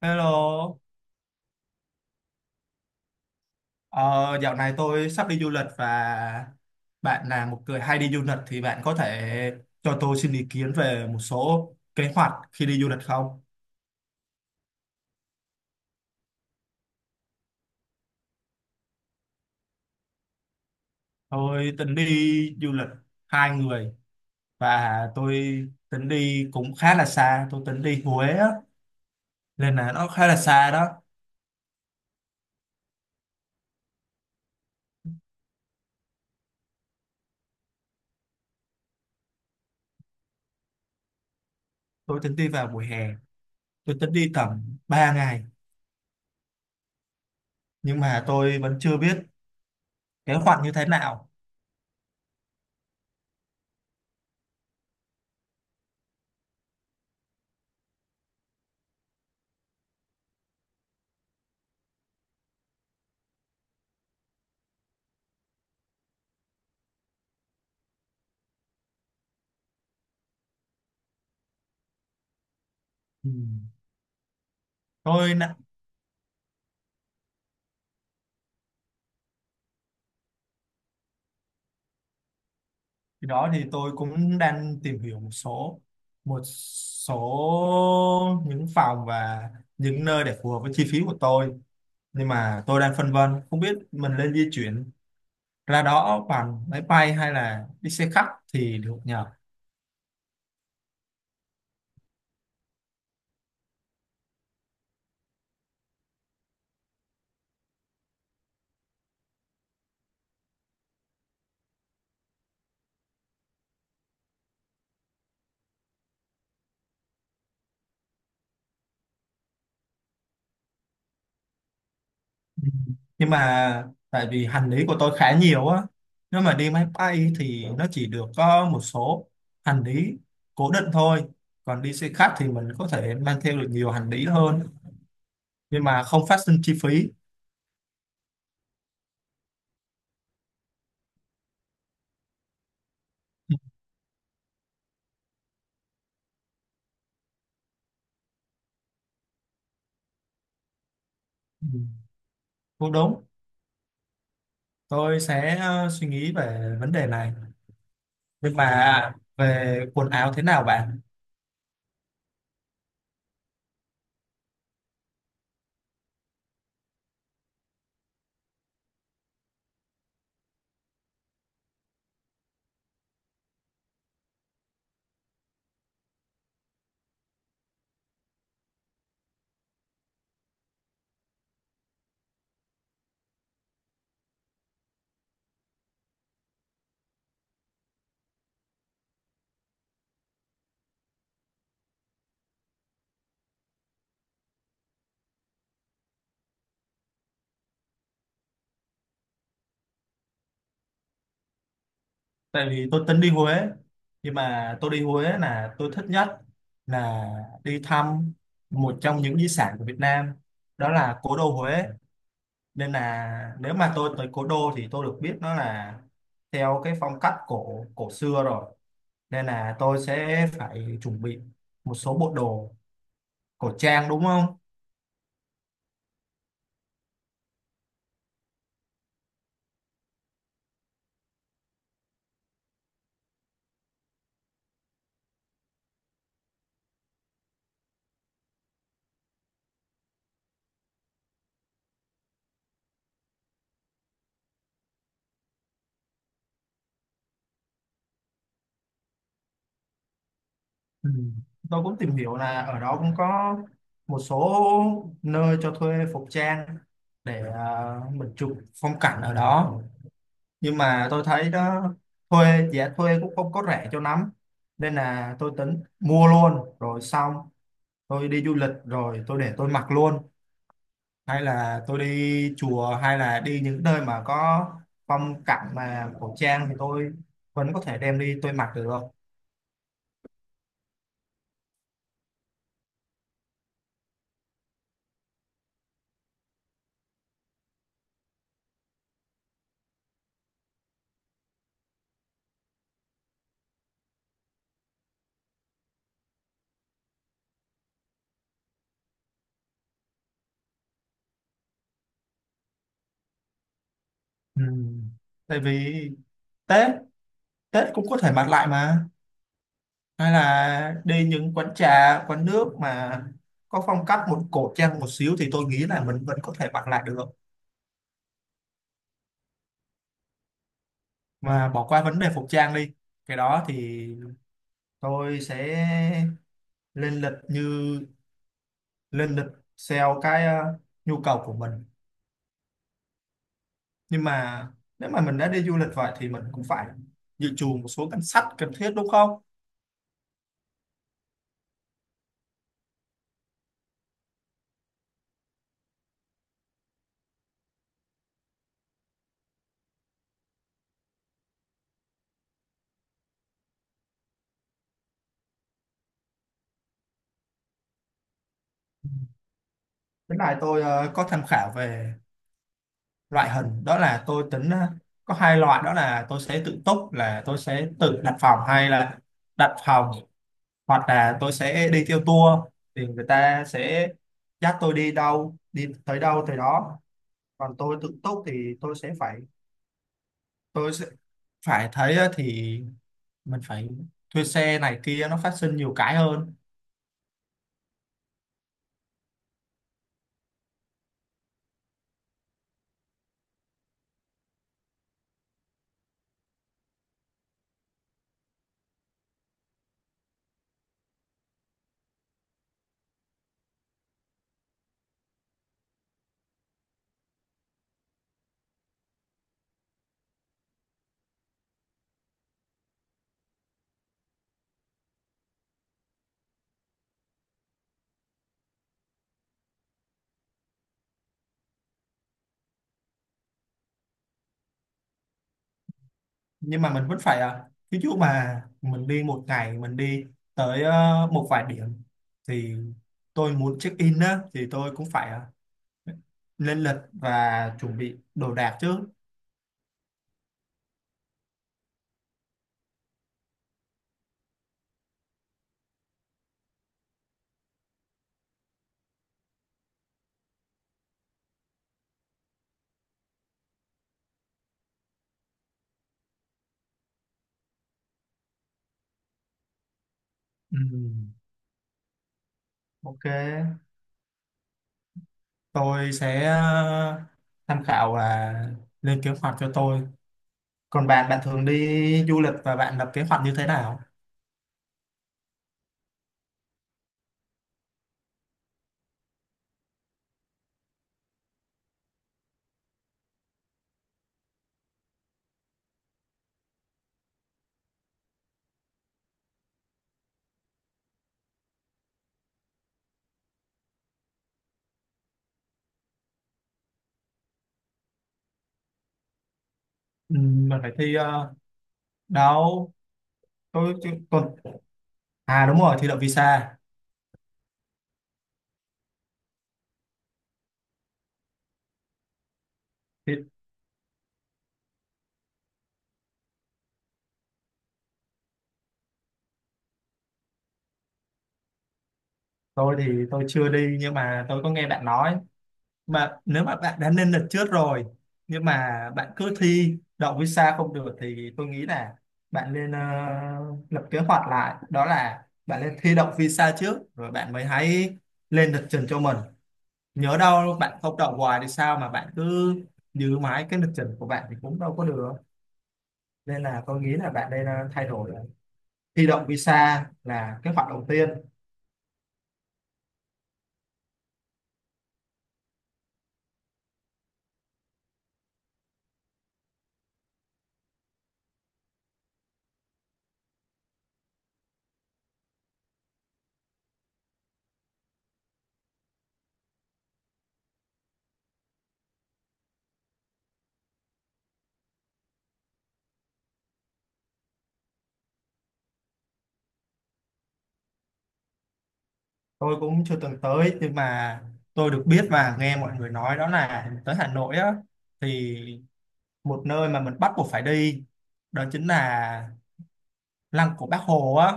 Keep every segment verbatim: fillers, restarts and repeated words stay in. Hello, ờ, dạo này tôi sắp đi du lịch và bạn là một người hay đi du lịch thì bạn có thể cho tôi xin ý kiến về một số kế hoạch khi đi du lịch không? Tôi tính đi du lịch hai người và tôi tính đi cũng khá là xa, tôi tính đi Huế á, nên là nó khá là xa đó. Tôi tính đi vào mùa hè, tôi tính đi tầm ba ngày nhưng mà tôi vẫn chưa biết kế hoạch như thế nào. Ừ. Tôi nã- Thì đó thì tôi cũng đang tìm hiểu một số một số những phòng và những nơi để phù hợp với chi phí của tôi nhưng mà tôi đang phân vân không biết mình nên di chuyển ra đó bằng máy bay hay là đi xe khách thì được nhờ. Ừ. Nhưng mà tại vì hành lý của tôi khá nhiều á, nếu mà đi máy bay thì nó chỉ được có một số hành lý cố định thôi, còn đi xe khách thì mình có thể mang theo được nhiều hành lý hơn nhưng mà không phát sinh chi phí. Ừ, cũng đúng, tôi sẽ ờ, suy nghĩ về vấn đề này. Nhưng mà về quần áo thế nào bạn? Tại vì tôi tính đi Huế, nhưng mà tôi đi Huế là tôi thích nhất là đi thăm một trong những di sản của Việt Nam, đó là cố đô Huế. Nên là nếu mà tôi tới cố đô thì tôi được biết nó là theo cái phong cách cổ cổ xưa rồi. Nên là tôi sẽ phải chuẩn bị một số bộ đồ cổ trang đúng không? Ừ. Tôi cũng tìm hiểu là ở đó cũng có một số nơi cho thuê phục trang để à, mình chụp phong cảnh ở đó, nhưng mà tôi thấy đó thuê giá thuê cũng không có rẻ cho lắm, nên là tôi tính mua luôn rồi xong tôi đi du lịch rồi tôi để tôi mặc luôn, hay là tôi đi chùa hay là đi những nơi mà có phong cảnh mà cổ trang thì tôi vẫn có thể đem đi tôi mặc được. Ừ. Tại vì Tết Tết cũng có thể mặc lại mà, hay là đi những quán trà quán nước mà có phong cách một cổ trang một xíu thì tôi nghĩ là mình vẫn có thể mặc lại được, mà bỏ qua vấn đề phục trang đi. Cái đó thì tôi sẽ lên lịch như lên lịch theo cái ờ, nhu cầu của mình. Nhưng mà nếu mà mình đã đi du lịch vậy thì mình cũng phải dự trù một số ngân sách cần thiết đúng không? Cái này tôi ờ, có tham khảo về loại hình đó, là tôi tính ờ, có hai loại, đó là tôi sẽ tự túc là tôi sẽ tự đặt phòng hay là đặt phòng, hoặc là tôi sẽ đi theo tour thì người ta sẽ dắt tôi đi đâu đi tới đâu tới đó. Còn tôi tự túc thì tôi sẽ phải tôi sẽ phải thấy á, thì mình phải thuê xe này kia, nó phát sinh nhiều cái hơn. Nhưng mà mình vẫn phải ờ, ví dụ mà mình đi một ngày mình đi tới ờ, một vài điểm thì tôi muốn check in á thì tôi cũng phải ờ, lên lịch và chuẩn bị đồ đạc trước. Ừ. OK. Tôi sẽ ờ, tham khảo và lên kế hoạch cho tôi. Còn bạn bạn thường đi du lịch và bạn lập kế hoạch như thế nào? Ừ. Mình phải thi ờ, đâu. Tôi tôi- còn à, đúng rồi, thi đậu visa. Thì tôi thì tôi chưa đi nhưng mà tôi có nghe bạn nói, mà nếu mà bạn đã lên lịch trước rồi nhưng mà bạn cứ thi đậu visa không được thì tôi nghĩ là bạn nên ờ, lập kế hoạch lại, đó là bạn nên thi đậu visa trước rồi bạn mới hãy lên lịch trình cho mình. Nhớ đâu bạn không đậu hoài thì sao mà bạn cứ giữ mãi cái lịch trình của bạn thì cũng đâu có được. Nên là tôi nghĩ là bạn nên ờ, thay đổi, thi đậu visa là kế hoạch đầu tiên. Tôi cũng chưa từng tới nhưng mà tôi được biết và nghe mọi người nói, đó là tới Hà Nội á thì một nơi mà mình bắt buộc phải đi, đó chính là Lăng của Bác Hồ á,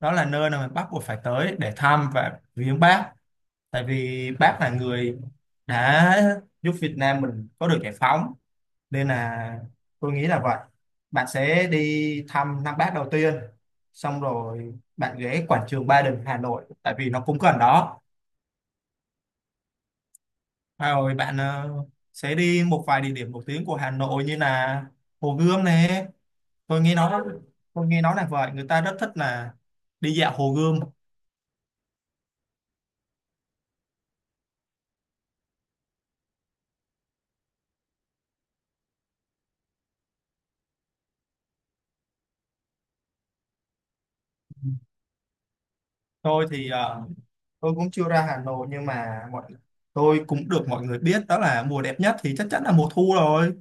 đó là nơi mà mình bắt buộc phải tới để thăm và viếng bác, tại vì bác là người đã giúp Việt Nam mình có được giải phóng. Nên là tôi nghĩ là vậy, bạn sẽ đi thăm Lăng Bác đầu tiên, xong rồi bạn ghé quảng trường Ba Đình Hà Nội tại vì nó cũng gần đó. À, rồi bạn ờ, sẽ đi một vài địa điểm nổi tiếng của Hà Nội như là Hồ Gươm này, tôi nghe nói tôi nghe nói là vậy, người ta rất thích là đi dạo Hồ Gươm. Tôi thì ờ, tôi cũng chưa ra Hà Nội nhưng mà mọi tôi cũng được mọi người biết đó là mùa đẹp nhất thì chắc chắn là mùa thu rồi,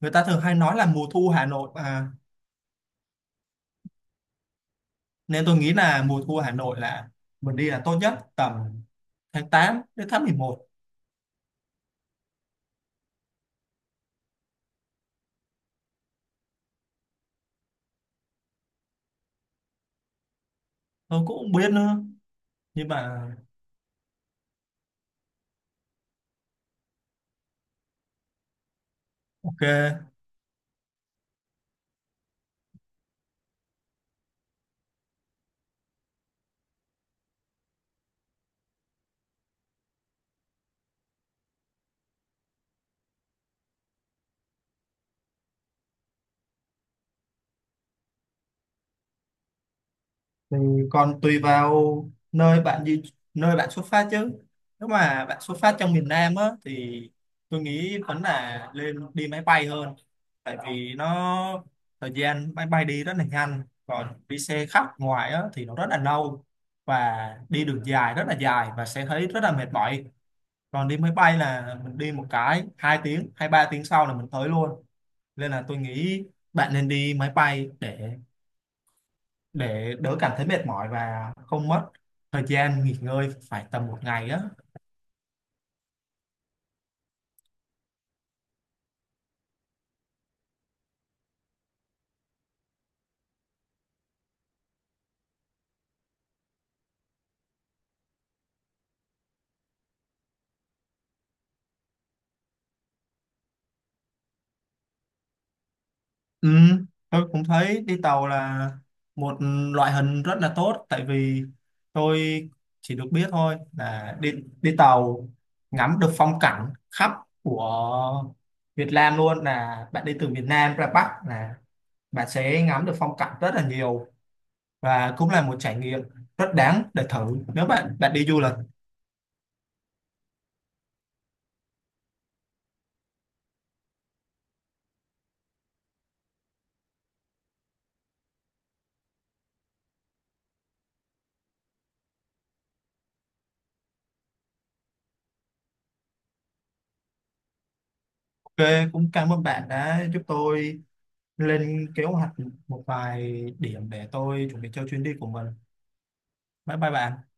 người ta thường hay nói là mùa thu Hà Nội mà. Nên tôi nghĩ là mùa thu Hà Nội là mình đi là tốt nhất, tầm tháng tám đến tháng mười một. Tôi cũng không biết nữa nhưng mà. OK. Thì còn tùy vào nơi bạn đi, nơi bạn xuất phát chứ, nếu mà bạn xuất phát trong miền Nam á thì tôi nghĩ vẫn là lên đi máy bay hơn, tại vì nó, thời gian máy bay đi rất là nhanh, còn đi xe khách ngoài á thì nó rất là lâu và đi đường dài rất là dài và sẽ thấy rất là mệt mỏi. Còn đi máy bay là mình đi một cái hai tiếng hay ba tiếng sau là mình tới luôn, nên là tôi nghĩ bạn nên đi máy bay để để đỡ cảm thấy mệt mỏi và không mất thời gian nghỉ ngơi phải tầm một ngày á. Ừ, tôi cũng thấy đi tàu là một loại hình rất là tốt, tại vì tôi chỉ được biết thôi là đi đi tàu ngắm được phong cảnh khắp của Việt Nam luôn, là bạn đi từ miền Nam ra Bắc là bạn sẽ ngắm được phong cảnh rất là nhiều và cũng là một trải nghiệm rất đáng để thử nếu bạn bạn đi du lịch. OK, cũng cảm ơn bạn đã giúp tôi lên kế hoạch một vài điểm để tôi chuẩn bị cho chuyến đi của mình. Bye bye bạn.